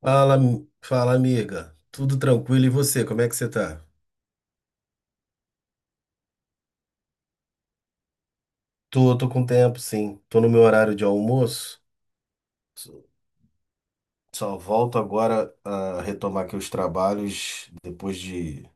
Fala, amiga. Tudo tranquilo? E você, como é que você tá? Tô, com tempo, sim. Tô no meu horário de almoço. Só só volto agora a retomar aqui os trabalhos depois de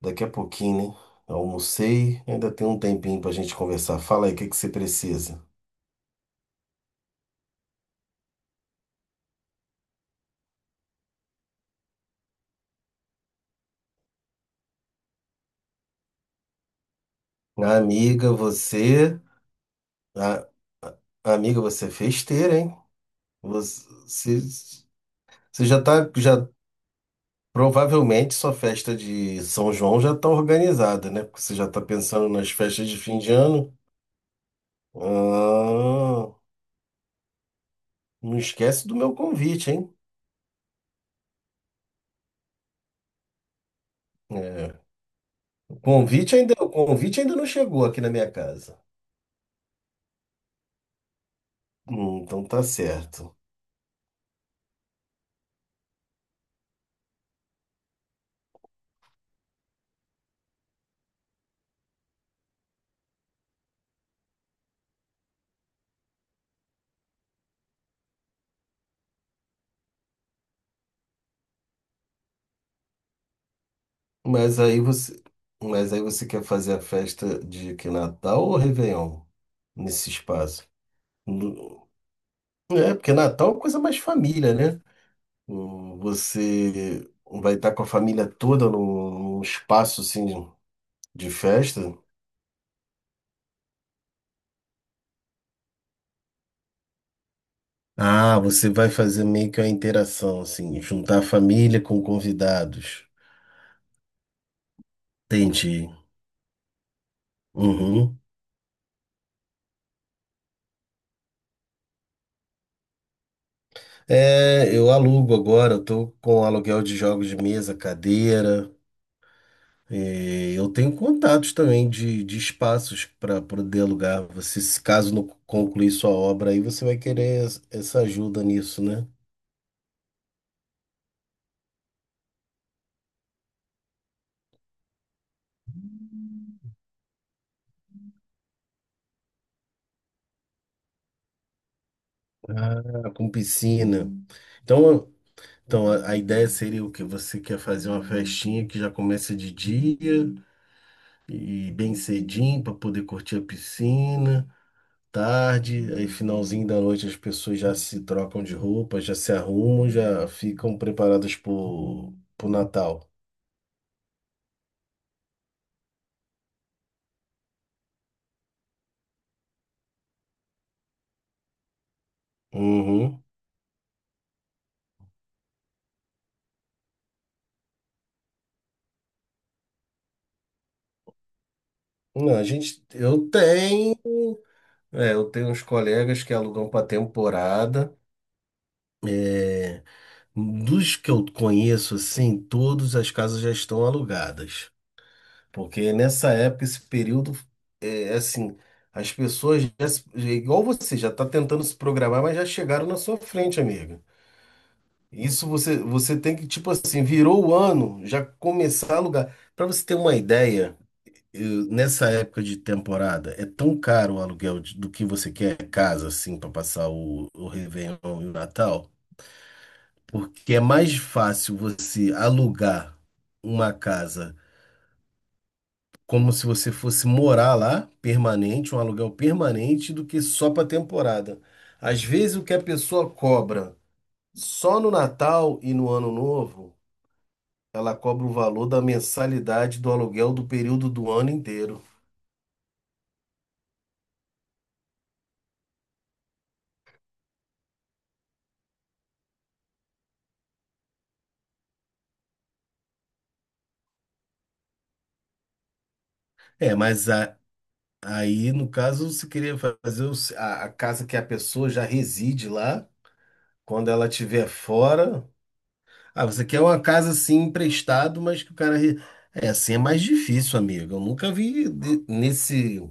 daqui a pouquinho, né? Almocei, ainda tem um tempinho pra gente conversar. Fala aí, o que que você precisa? Amiga, você, a- amiga, você é festeira, hein? Você, você você já tá, já Provavelmente sua festa de São João já está organizada, né? Porque você já está pensando nas festas de fim de ano. Ah, não esquece do meu convite, hein? É, o convite ainda não chegou aqui na minha casa. Então tá certo. Mas aí você, mas aí você quer fazer a festa de que Natal ou Réveillon nesse espaço? No- É, porque Natal é uma coisa mais família, né? Você vai estar com a família toda num espaço assim de festa? Ah, você vai fazer meio que uma interação, assim, juntar a família com convidados. Entendi. Uhum. É, eu alugo agora, eu tô com aluguel de jogos de mesa, cadeira. E eu tenho contatos também de espaços para poder alugar. Você, se caso não concluir sua obra aí, você vai querer essa ajuda nisso, né? Ah, com piscina. Então, então, a ideia seria: o que você quer fazer? Uma festinha que já começa de dia e bem cedinho para poder curtir a piscina, tarde, aí finalzinho da noite as pessoas já se trocam de roupa, já se arrumam, já ficam preparadas para o Natal. Uhum. Não, a gente, eu tenho uns colegas que alugam para temporada. É, dos que eu conheço, assim, todas as casas já estão alugadas. Porque nessa época, esse período, é assim, as pessoas já, é igual você, já está tentando se programar, mas já chegaram na sua frente, amiga. Isso, você tem que, tipo assim, virou o ano, já começar a alugar. Para você ter uma ideia, nessa época de temporada, é tão caro o aluguel do que você quer, casa, assim, para passar o Réveillon e o Natal, porque é mais fácil você alugar uma casa como se você fosse morar lá, permanente, um aluguel permanente, do que só para temporada. Às vezes o que a pessoa cobra só no Natal e no Ano Novo, ela cobra o valor da mensalidade do aluguel do período do ano inteiro. É, mas aí, no caso, você queria fazer o se- a casa que a pessoa já reside lá, quando ela estiver fora. Ah, você quer uma casa assim emprestado, mas que o cara, é, assim é mais difícil, amigo. Eu nunca vi nesse.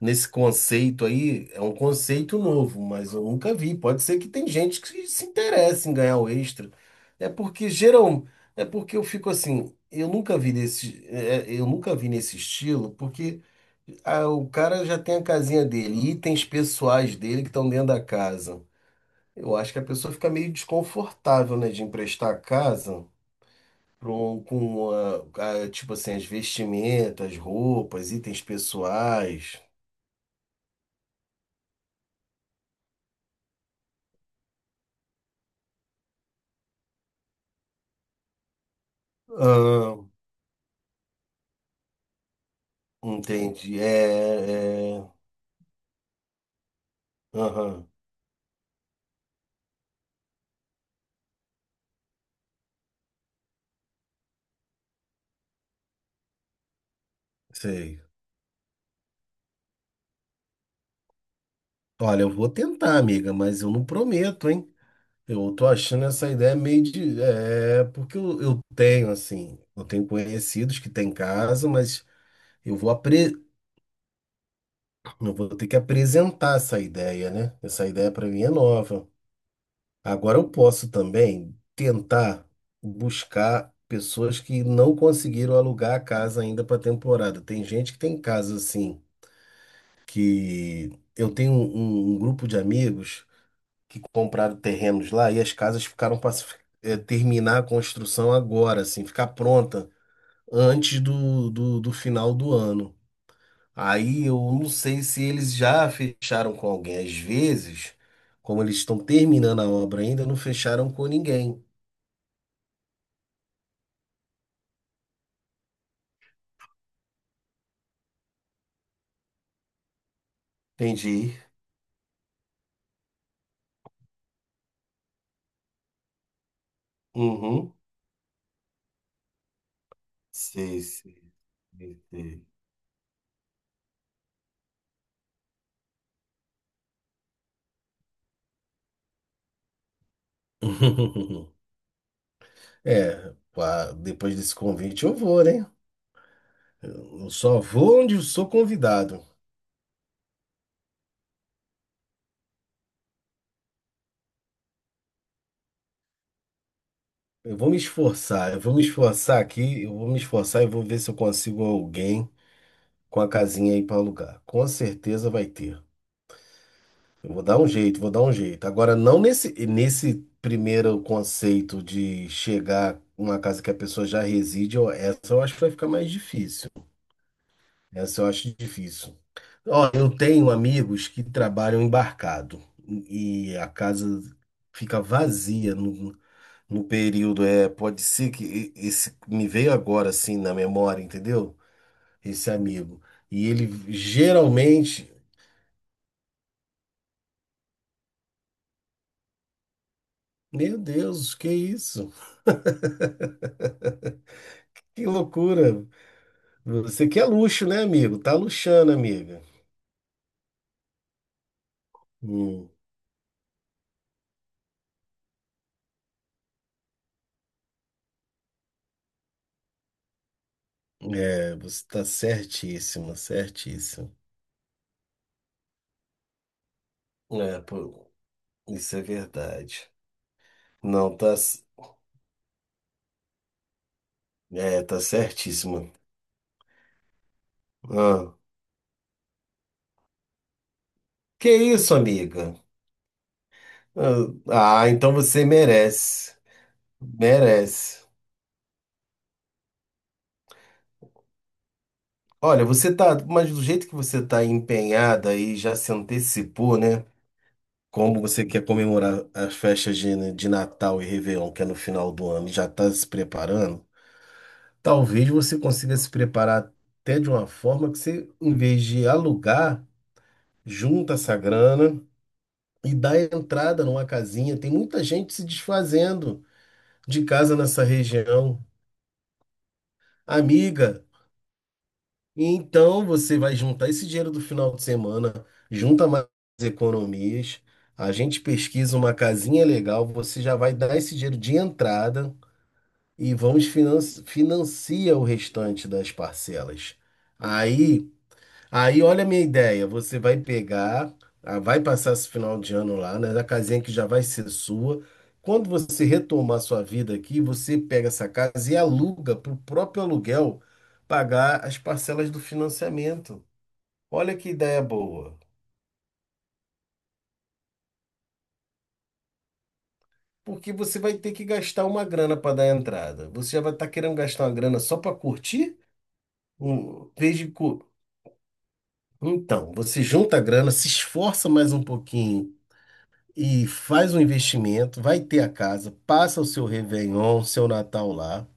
nesse Conceito aí, é um conceito novo, mas eu nunca vi. Pode ser que tem gente que se interesse em ganhar o extra. É porque geral, é porque eu fico assim, eu nunca vi nesse estilo, porque o cara já tem a casinha dele, itens pessoais dele que estão dentro da casa. Eu acho que a pessoa fica meio desconfortável, né, de emprestar a casa. Com tipo assim, as vestimentas, roupas, itens pessoais. Entendi. É, é. Aham. Sei. Olha, eu vou tentar, amiga, mas eu não prometo, hein? Eu tô achando essa ideia meio de. É, porque eu tenho, assim, eu tenho conhecidos que têm casa, mas eu vou, apre... eu vou ter que apresentar essa ideia, né? Essa ideia para mim é nova. Agora eu posso também tentar buscar pessoas que não conseguiram alugar a casa ainda para temporada. Tem gente que tem casa assim que, eu tenho um grupo de amigos que compraram terrenos lá e as casas ficaram para terminar a construção agora, assim, ficar pronta antes do final do ano. Aí eu não sei se eles já fecharam com alguém. Às vezes, como eles estão terminando a obra ainda, não fecharam com ninguém. Entendi. Uhum. Sei, sei, sei, sei. É, pá, depois desse convite eu vou, né? Eu só vou onde eu sou convidado. Eu vou me esforçar, eu vou me esforçar aqui, eu vou me esforçar e vou ver se eu consigo alguém com a casinha aí para alugar. Com certeza vai ter. Eu vou dar um jeito, vou dar um jeito. Agora, não nesse primeiro conceito de chegar uma casa que a pessoa já reside, essa eu acho que vai ficar mais difícil. Essa eu acho difícil. Ó, eu tenho amigos que trabalham embarcado e a casa fica vazia não, no período, pode ser que esse me veio agora assim na memória, entendeu? Esse amigo. E ele geralmente, meu Deus, que isso? Que loucura. Você quer luxo, né, amigo? Tá luxando, amiga. Hum, é, você tá certíssima, certíssima. É, pô, isso é verdade. Não, tá, é, tá certíssima. Ah, que isso, amiga? Ah, então você merece. Merece. Olha, mas do jeito que você tá empenhada e já se antecipou, né? Como você quer comemorar as festas né, de Natal e Réveillon, que é no final do ano, e já está se preparando, talvez você consiga se preparar até de uma forma que você, em vez de alugar, junta essa grana e dá entrada numa casinha. Tem muita gente se desfazendo de casa nessa região. Amiga. E então você vai juntar esse dinheiro do final de semana, junta mais economias, a gente pesquisa uma casinha legal, você já vai dar esse dinheiro de entrada e vamos financia o restante das parcelas. Aí Aí, olha a minha ideia: você vai pegar, vai passar esse final de ano lá, né, na casinha que já vai ser sua. Quando você retomar sua vida aqui, você pega essa casa e aluga, para o próprio aluguel pagar as parcelas do financiamento. Olha que ideia boa! Porque você vai ter que gastar uma grana para dar entrada. Você já vai estar querendo gastar uma grana só para curtir? Um, em vez de cu- Então, você junta a grana, se esforça mais um pouquinho e faz um investimento, vai ter a casa, passa o seu Réveillon, seu Natal lá,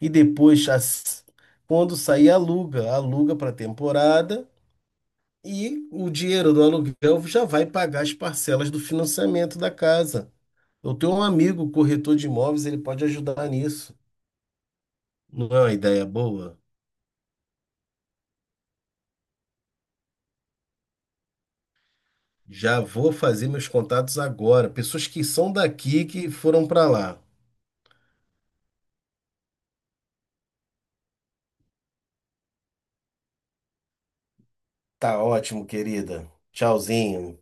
e depois, quando sair, aluga, para temporada e o dinheiro do aluguel já vai pagar as parcelas do financiamento da casa. Eu tenho um amigo corretor de imóveis, ele pode ajudar nisso. Não é uma ideia boa? Já vou fazer meus contatos agora. Pessoas que são daqui que foram para lá. Tá ótimo, querida. Tchauzinho.